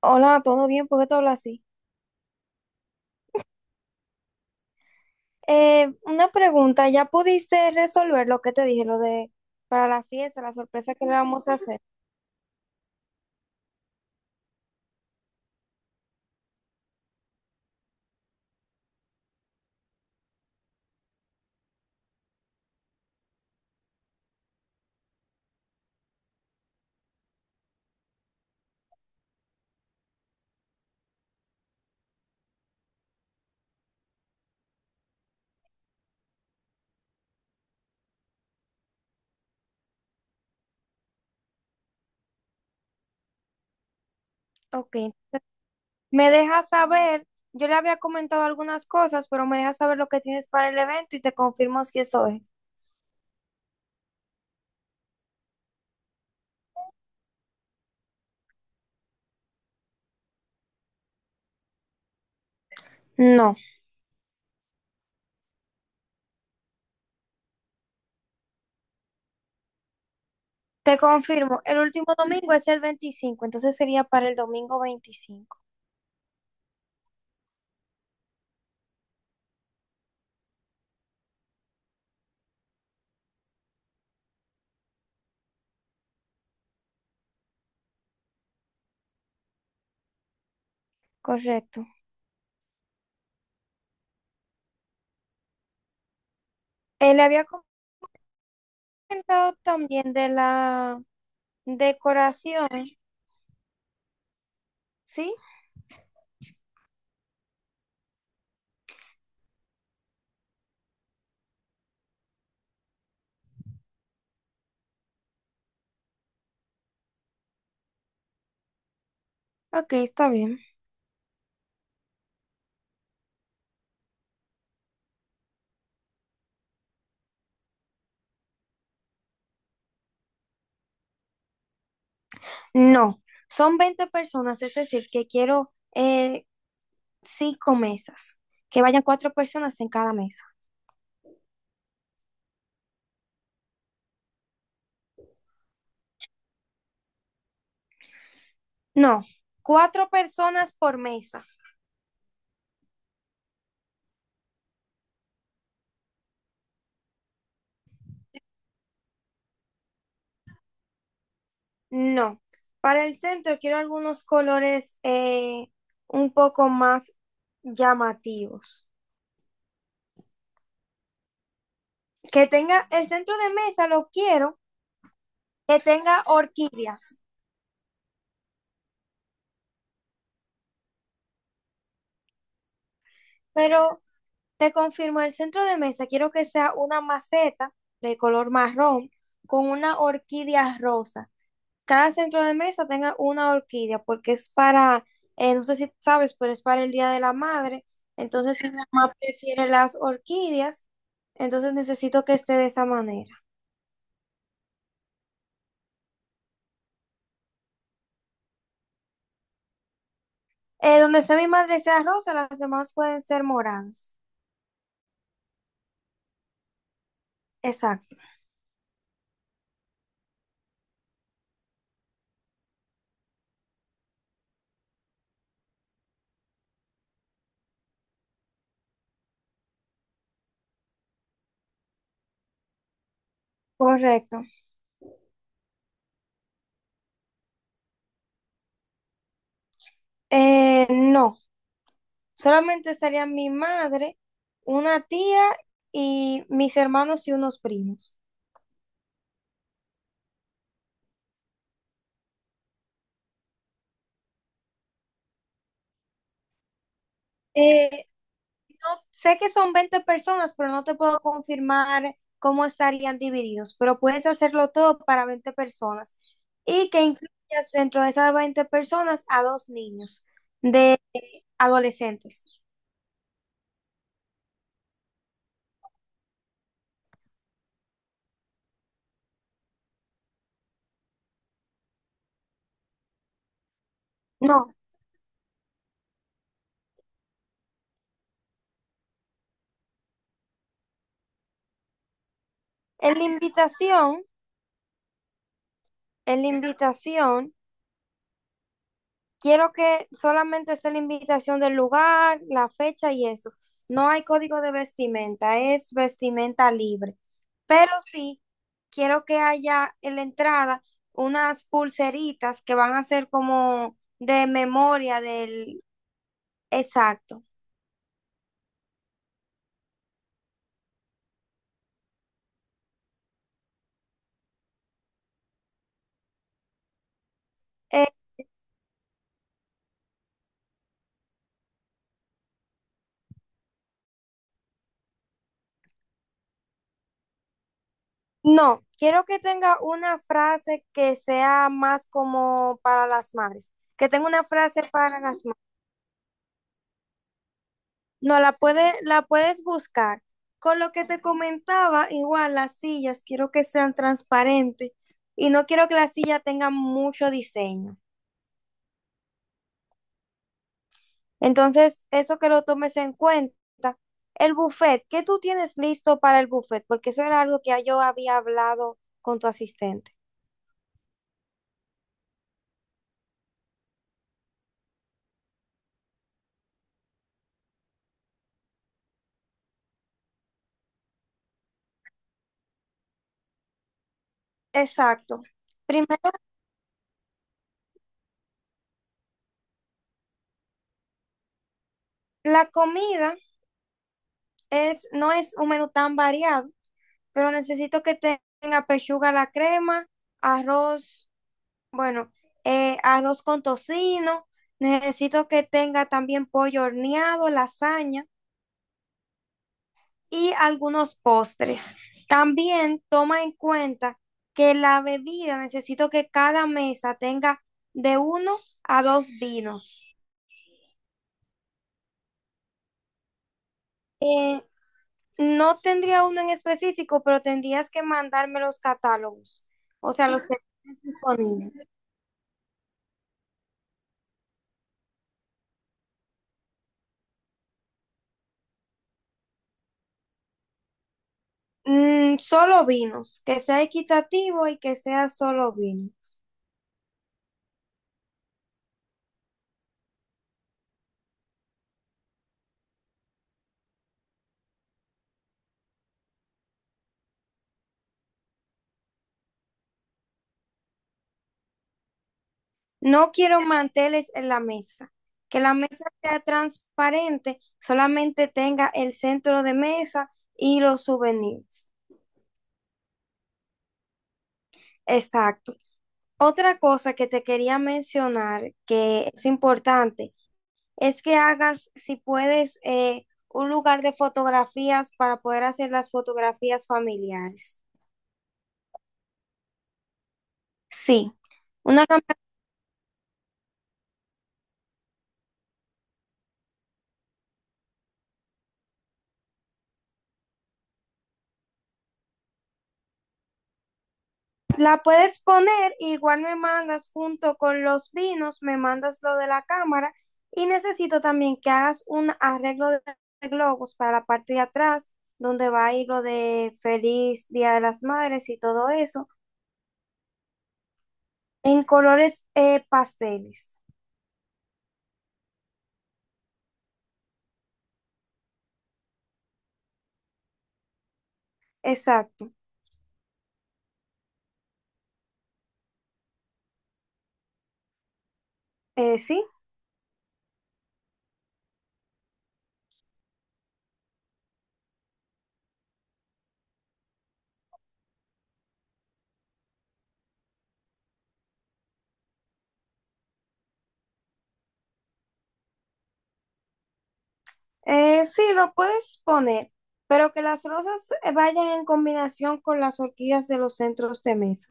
Hola, ¿todo bien? ¿Por qué te hablas así? Una pregunta, ¿ya pudiste resolver lo que te dije, lo de para la fiesta, la sorpresa que le vamos a hacer? Ok, entonces, me dejas saber, yo le había comentado algunas cosas, pero me dejas saber lo que tienes para el evento y te confirmo si eso es. No, te confirmo, el último domingo es el 25. Entonces sería para el domingo 25. Correcto. Él le había comentado también de la decoración, ¿sí? Ok, está bien. No, son 20 personas, es decir, que quiero cinco mesas, que vayan cuatro personas en cada mesa. No, cuatro personas por mesa. No, para el centro quiero algunos colores un poco más llamativos. Que tenga el centro de mesa, lo quiero, que tenga orquídeas, pero. Te confirmo, el centro de mesa quiero que sea una maceta de color marrón con una orquídea rosa. Cada centro de mesa tenga una orquídea porque es para, no sé si sabes, pero es para el Día de la Madre. Entonces mi mamá prefiere las orquídeas, entonces necesito que esté de esa manera. Donde sea mi madre sea rosa, las demás pueden ser moradas. Exacto, correcto. No. Solamente estarían mi madre, una tía y mis hermanos y unos primos. Eh, no, sé que son 20 personas, pero no te puedo confirmar cómo estarían divididos, pero puedes hacerlo todo para 20 personas y que incluyas dentro de esas 20 personas a dos niños de adolescentes. No, en la invitación, en la invitación, quiero que solamente esté la invitación del lugar, la fecha y eso. No hay código de vestimenta, es vestimenta libre. Pero sí, quiero que haya en la entrada unas pulseritas que van a ser como de memoria del. Exacto. Eh, no, quiero que tenga una frase que sea más como para las madres, que tenga una frase para las. No, la puedes buscar. Con lo que te comentaba, igual las sillas quiero que sean transparentes y no quiero que la silla tenga mucho diseño. Entonces, eso que lo tomes en cuenta. El buffet, ¿qué tú tienes listo para el buffet? Porque eso era algo que ya yo había hablado con tu asistente. Exacto. Primero, la comida no es un menú tan variado. Pero necesito que tenga pechuga a la crema, arroz, bueno, arroz con tocino, necesito que tenga también pollo horneado, lasaña y algunos postres. También toma en cuenta que la bebida, necesito que cada mesa tenga de uno a dos vinos. Eh, no tendría uno en específico, pero tendrías que mandarme los catálogos, o sea, los que tienes disponibles. Solo vinos, que sea equitativo y que sea solo vino. No quiero manteles en la mesa, que la mesa sea transparente, solamente tenga el centro de mesa y los souvenirs. Exacto. Otra cosa que te quería mencionar que es importante es que hagas, si puedes, un lugar de fotografías para poder hacer las fotografías familiares. Sí. Una La puedes poner, igual me mandas junto con los vinos, me mandas lo de la cámara y necesito también que hagas un arreglo de globos para la parte de atrás, donde va a ir lo de Feliz Día de las Madres y todo eso, en colores pasteles. Exacto. Sí, sí, lo puedes poner, pero que las rosas vayan en combinación con las orquídeas de los centros de mesa.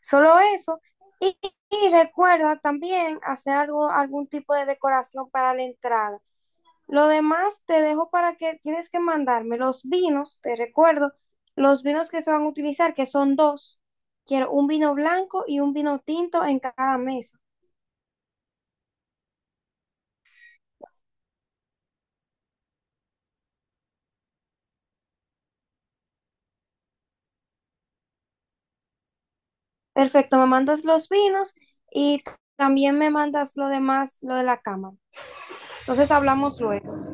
Solo eso. Y, y recuerda también hacer algo, algún tipo de decoración para la entrada. Lo demás te dejo para que tienes que mandarme los vinos, te recuerdo, los vinos que se van a utilizar, que son dos. Quiero un vino blanco y un vino tinto en cada mesa. Perfecto, me mandas los vinos y también me mandas lo demás, lo de la cámara. Entonces hablamos luego.